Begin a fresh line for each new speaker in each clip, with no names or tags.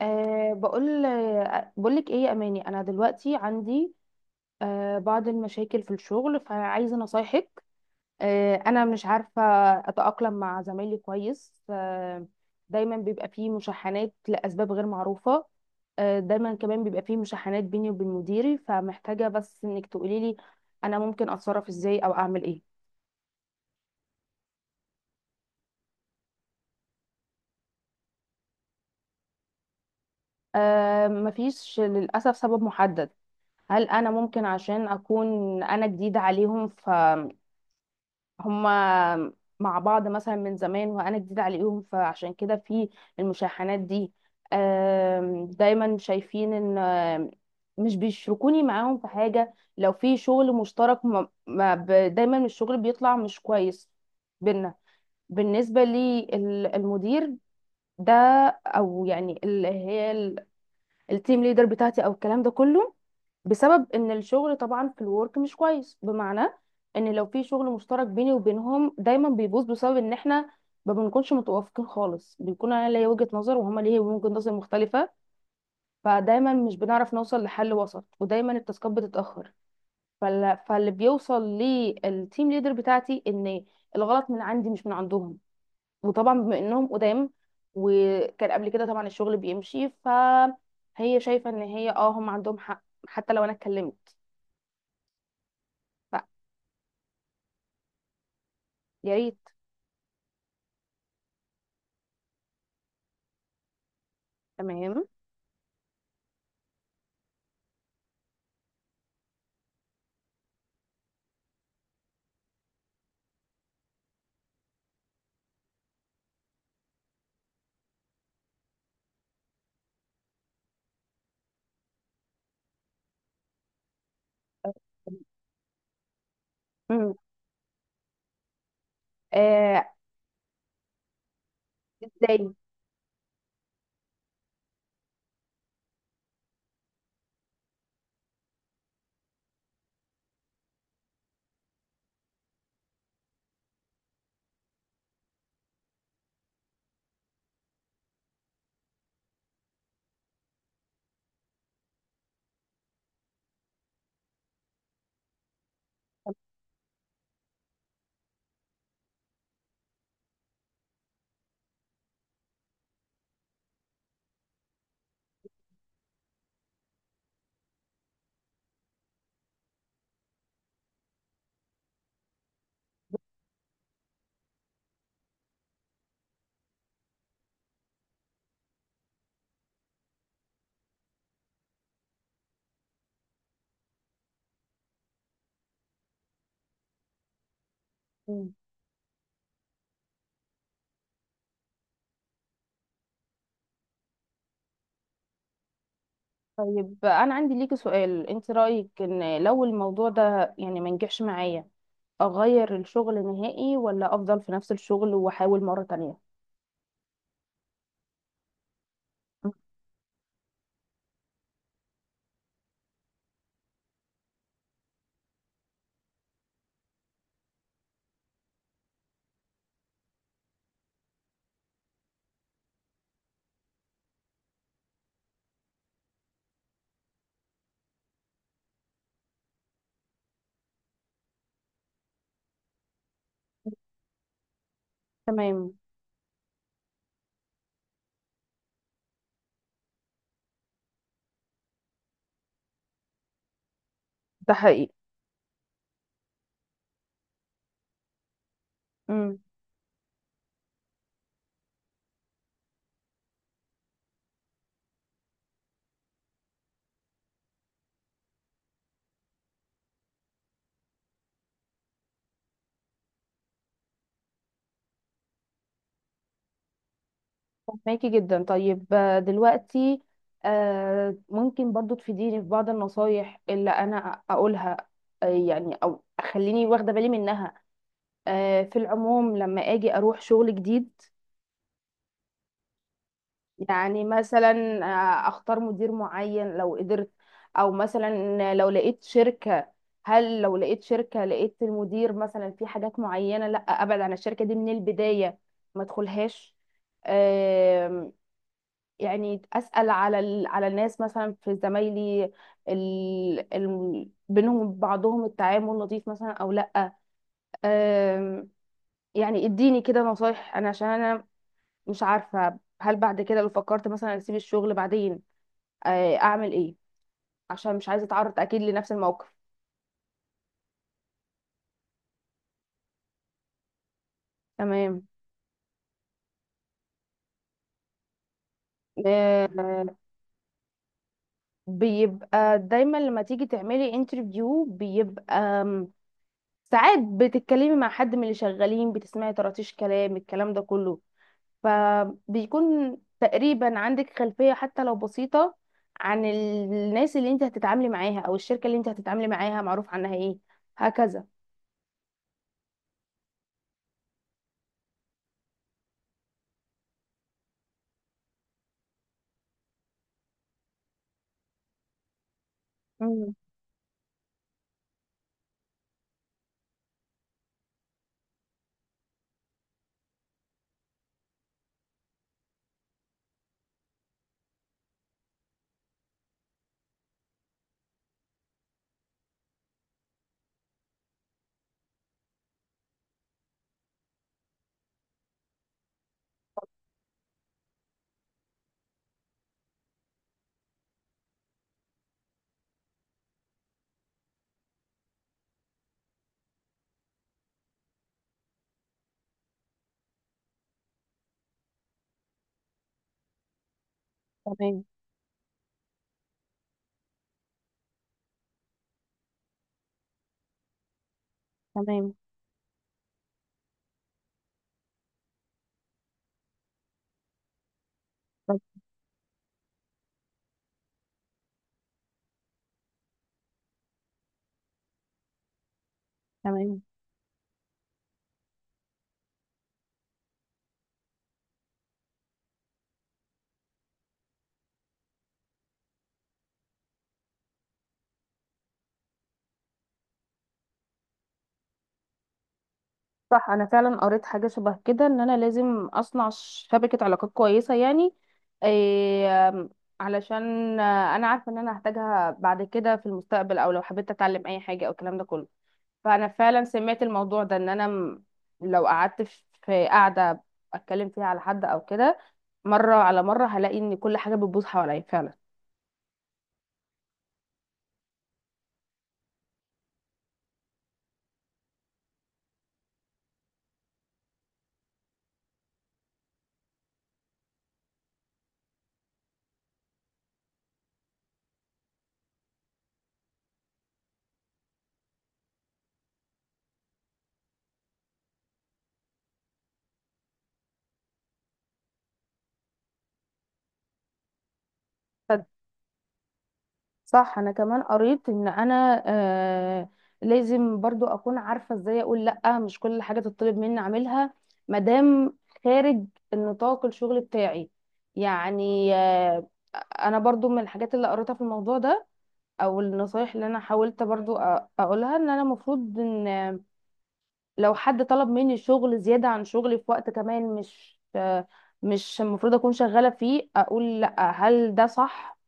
أه بقول أه بقولك ايه يا اماني، انا دلوقتي عندي بعض المشاكل في الشغل، فعايزه نصايحك. انا مش عارفه اتاقلم مع زمايلي كويس. دايما بيبقى فيه مشاحنات لاسباب غير معروفه. دايما كمان بيبقى فيه مشاحنات بيني وبين مديري، فمحتاجه بس انك تقولي لي انا ممكن اتصرف ازاي او اعمل ايه. مفيش للاسف سبب محدد. هل انا ممكن عشان اكون انا جديده عليهم هما مع بعض مثلا من زمان وانا جديده عليهم، فعشان كده في المشاحنات دي. دايما شايفين ان مش بيشركوني معاهم في حاجه. لو في شغل مشترك ما ما ب- دايما الشغل بيطلع مش كويس بينا. بالنسبه لي المدير ده، او يعني اللي هي التيم ليدر بتاعتي، او الكلام ده كله بسبب ان الشغل طبعا في الورك مش كويس. بمعنى ان لو في شغل مشترك بيني وبينهم دايما بيبوظ بسبب ان احنا ما بنكونش متوافقين خالص، بيكون انا ليا وجهة نظر وهما ليه وجهة نظر مختلفة، فدايما مش بنعرف نوصل لحل وسط، ودايما التاسكات بتتأخر. فاللي بيوصل للتيم ليدر بتاعتي ان الغلط من عندي مش من عندهم، وطبعا بما انهم قدام وكان قبل كده طبعا الشغل بيمشي، فهي شايفه ان هي اه هم عندهم حق حتى لو انا اتكلمت. فيا ريت. تمام. مم. آه. ازاي؟ مم. طيب، انا عندي ليكي سؤال، انت رايك ان لو الموضوع ده يعني ما نجحش معايا، اغير الشغل نهائي ولا افضل في نفس الشغل واحاول مره تانية؟ مم. تمام. ده حقيقي. مم. فهماكي جدا. طيب، دلوقتي ممكن برضو تفيديني في بعض النصايح اللي انا اقولها، يعني او اخليني واخده بالي منها، في العموم لما اجي اروح شغل جديد. يعني مثلا اختار مدير معين لو قدرت، او مثلا لو لقيت شركه. هل لو لقيت شركه لقيت المدير مثلا في حاجات معينه، لا ابعد عن الشركه دي من البدايه، ما ادخلهاش. يعني اسال على على الناس مثلا في زمايلي، بينهم وبعضهم التعامل لطيف مثلا او لا. أم... يعني اديني كده نصايح انا، عشان انا مش عارفه هل بعد كده لو فكرت مثلا اسيب الشغل بعدين اعمل ايه، عشان مش عايزه اتعرض اكيد لنفس الموقف. تمام. آه، بيبقى دايما لما تيجي تعملي انترفيو بيبقى ساعات بتتكلمي مع حد من اللي شغالين، بتسمعي طراطيش كلام، الكلام ده كله فبيكون تقريبا عندك خلفية حتى لو بسيطة عن الناس اللي انت هتتعاملي معاها او الشركة اللي انت هتتعاملي معاها معروف عنها ايه. هكذا. امم. تمام. تمام. طب. تمام. صح، انا فعلا قريت حاجة شبه كده ان انا لازم اصنع شبكة علاقات كويسة، يعني إيه، علشان انا عارفة ان انا هحتاجها بعد كده في المستقبل، او لو حبيت اتعلم اي حاجة او الكلام ده كله. فانا فعلا سمعت الموضوع ده، ان انا. لو قعدت في قاعده اتكلم فيها على حد او كده، مره على مره هلاقي ان كل حاجه بتبوظ حواليا فعلا. صد- صح، انا كمان قريت ان انا لازم برضو اكون عارفه ازاي اقول لا، مش كل حاجه تطلب مني اعملها مادام خارج النطاق الشغل بتاعي. يعني انا برضو من الحاجات اللي قريتها في الموضوع ده، او النصايح اللي انا حاولت برضو اقولها، ان انا المفروض ان لو حد طلب مني شغل زيادة عن شغلي في وقت كمان مش المفروض أكون شغالة فيه، أقول لأ. هل ده صح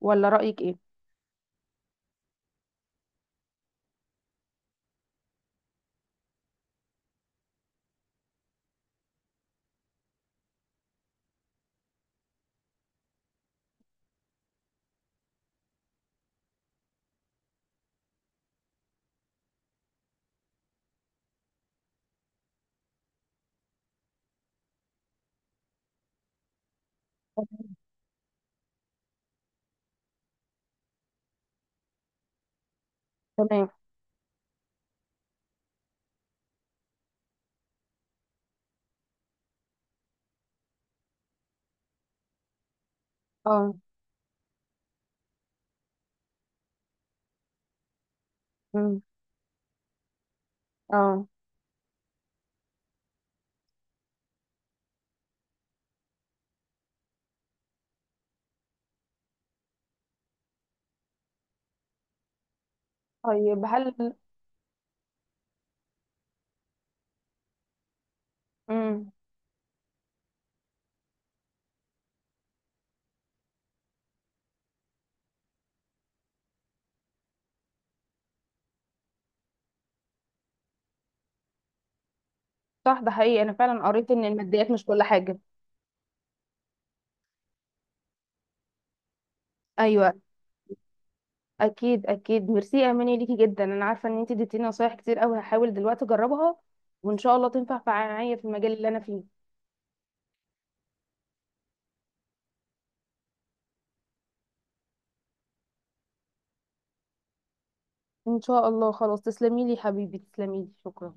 ولا رأيك إيه؟ تمام. اه. أمم. اه. طيب، امم. صح، ده حقيقي، أنا فعلا قريت إن الماديات مش كل حاجة. أيوه. أكيد، أكيد، ميرسي يا أماني، ليكي جدا، أنا عارفة إن أنتي اديتيني نصايح كتير أوي، هحاول دلوقتي أجربها وإن شاء الله تنفع معايا في المجال اللي أنا فيه. إن شاء الله، خلاص، تسلميلي حبيبي، تسلميلي، شكرا.